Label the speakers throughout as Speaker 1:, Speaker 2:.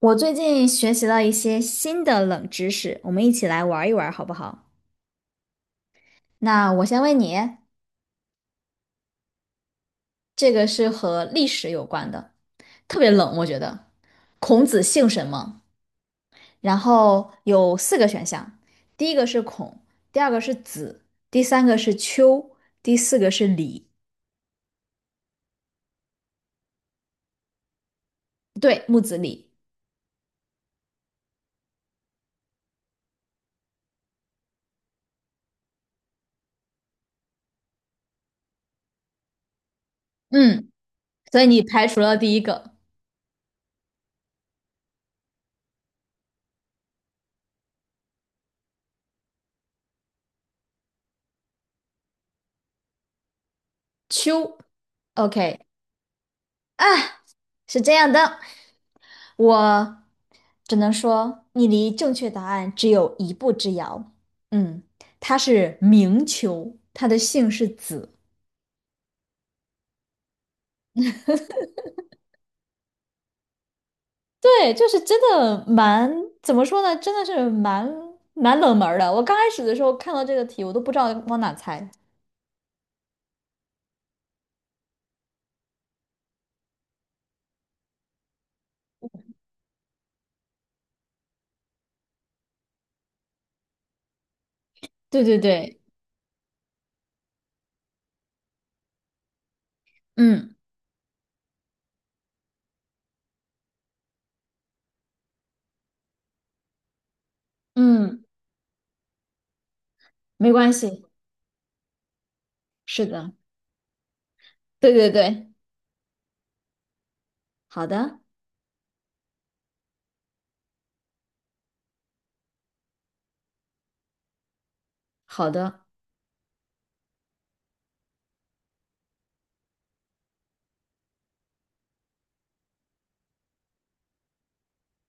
Speaker 1: 我最近学习了一些新的冷知识，我们一起来玩一玩好不好？那我先问你，这个是和历史有关的，特别冷，我觉得。孔子姓什么？然后有四个选项，第一个是孔，第二个是子，第三个是丘，第四个是李。对，木子李。嗯，所以你排除了第一个丘。OK，啊，是这样的。我只能说，你离正确答案只有一步之遥。嗯，他是明囚，他的姓是子。对，就是真的蛮，怎么说呢？真的是蛮冷门儿的。我刚开始的时候看到这个题，我都不知道往哪猜。对对对，嗯嗯，没关系，是的，对对对，好的，好的，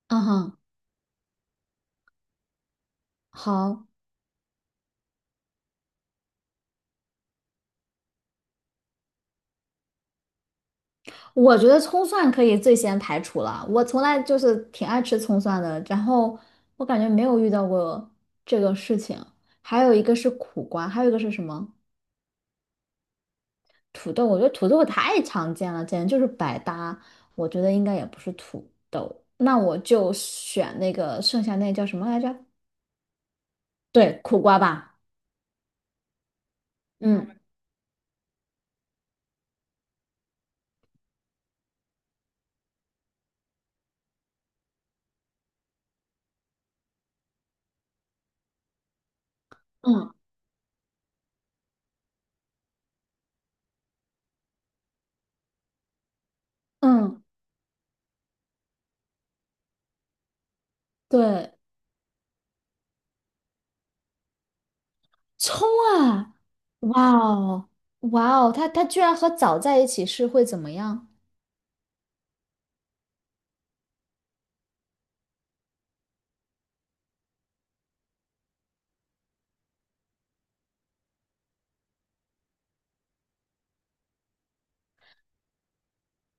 Speaker 1: 嗯哼，好。我觉得葱蒜可以最先排除了，我从来就是挺爱吃葱蒜的，然后我感觉没有遇到过这个事情。还有一个是苦瓜，还有一个是什么？土豆，我觉得土豆太常见了，简直就是百搭。我觉得应该也不是土豆，那我就选那个剩下那叫什么来着？对，苦瓜吧。嗯 嗯嗯，对，葱啊，哇哦，哇哦，它居然和枣在一起是会怎么样？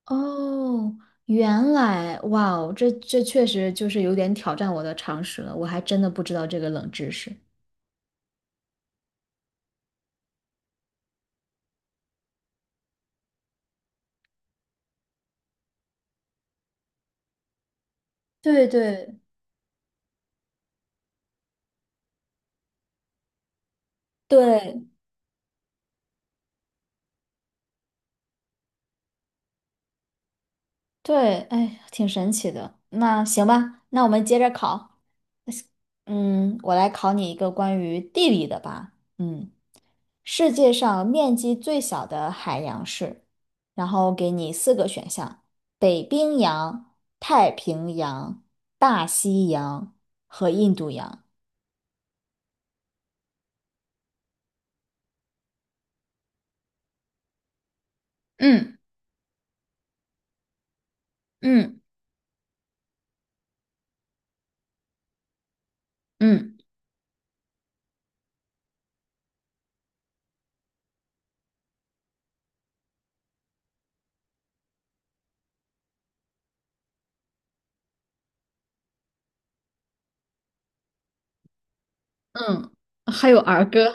Speaker 1: 哦，原来，哇哦，这确实就是有点挑战我的常识了，我还真的不知道这个冷知识。对对，对对，哎，挺神奇的。那行吧，那我们接着考。嗯，我来考你一个关于地理的吧。嗯，世界上面积最小的海洋是，然后给你四个选项：北冰洋、太平洋、大西洋和印度洋。嗯嗯。嗯嗯，还有儿歌，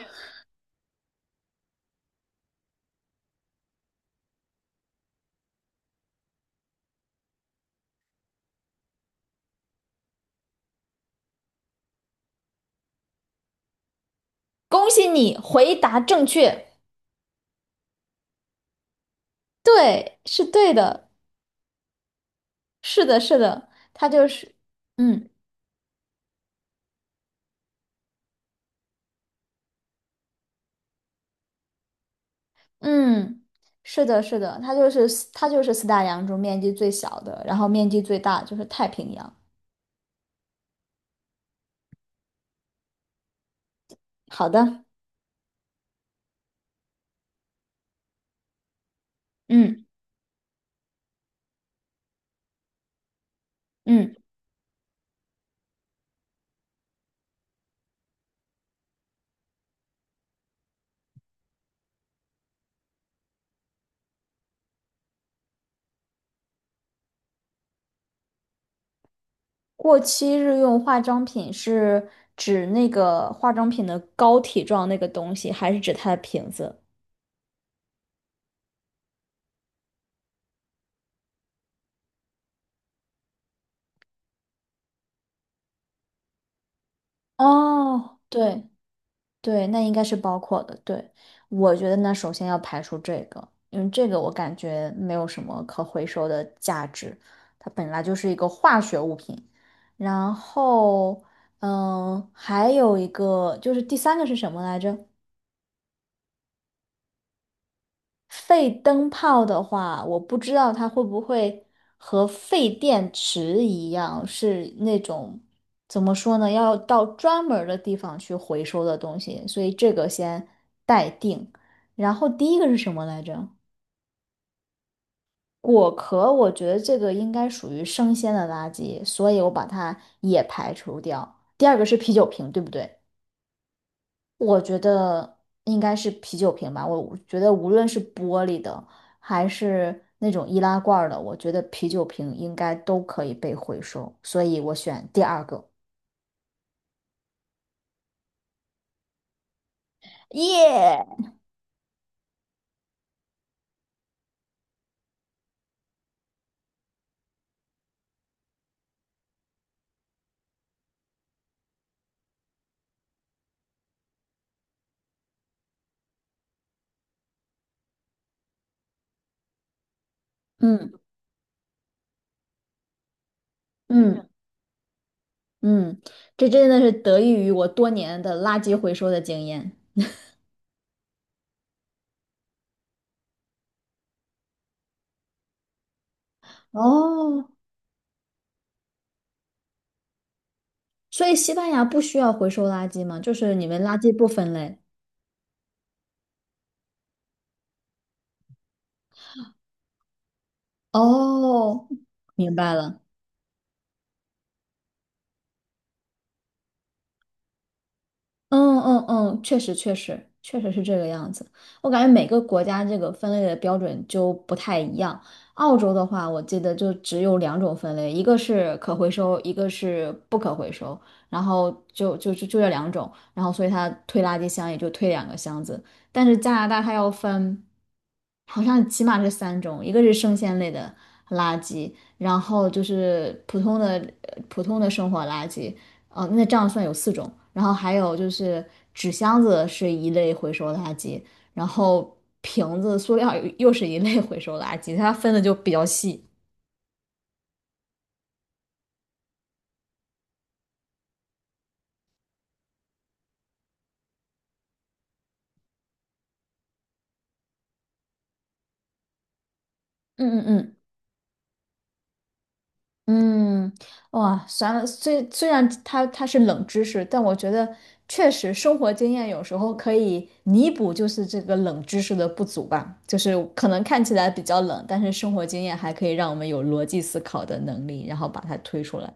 Speaker 1: 恭喜你回答正确，对，是对的，是的，是的，他就是，嗯嗯，是的，是的，他就是四大洋中面积最小的，然后面积最大就是太平洋。好的，嗯嗯，过期日用化妆品是指那个化妆品的膏体状那个东西，还是指它的瓶子？哦，对。对，那应该是包括的。对，我觉得呢，首先要排除这个，因为这个我感觉没有什么可回收的价值，它本来就是一个化学物品。然后，嗯，还有一个就是第三个是什么来着？废灯泡的话，我不知道它会不会和废电池一样，是那种怎么说呢，要到专门儿的地方去回收的东西，所以这个先待定。然后第一个是什么来着？果壳，我觉得这个应该属于生鲜的垃圾，所以我把它也排除掉。第二个是啤酒瓶，对不对？我觉得应该是啤酒瓶吧。我觉得无论是玻璃的还是那种易拉罐儿的，我觉得啤酒瓶应该都可以被回收，所以我选第二个。耶！嗯嗯嗯，这真的是得益于我多年的垃圾回收的经验。哦，所以西班牙不需要回收垃圾吗？就是你们垃圾不分类。哦，明白了。嗯嗯嗯，确实确实确实是这个样子。我感觉每个国家这个分类的标准就不太一样。澳洲的话，我记得就只有两种分类，一个是可回收，一个是不可回收。然后就这两种，然后所以它推垃圾箱也就推两个箱子。但是加拿大它要分，好像起码是三种，一个是生鲜类的垃圾，然后就是普通的生活垃圾。哦，那这样算有四种。然后还有就是纸箱子是一类回收垃圾，然后瓶子、塑料又是一类回收垃圾，它分的就比较细。嗯嗯嗯嗯，哇，算了，虽然它是冷知识，但我觉得确实生活经验有时候可以弥补就是这个冷知识的不足吧，就是可能看起来比较冷，但是生活经验还可以让我们有逻辑思考的能力，然后把它推出来。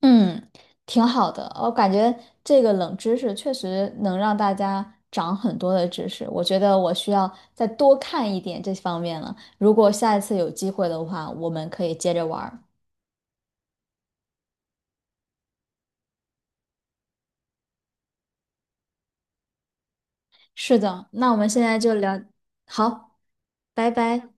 Speaker 1: 嗯，挺好的，我感觉这个冷知识确实能让大家长很多的知识。我觉得我需要再多看一点这方面了。如果下一次有机会的话，我们可以接着玩儿。是的，那我们现在就聊，好，拜拜。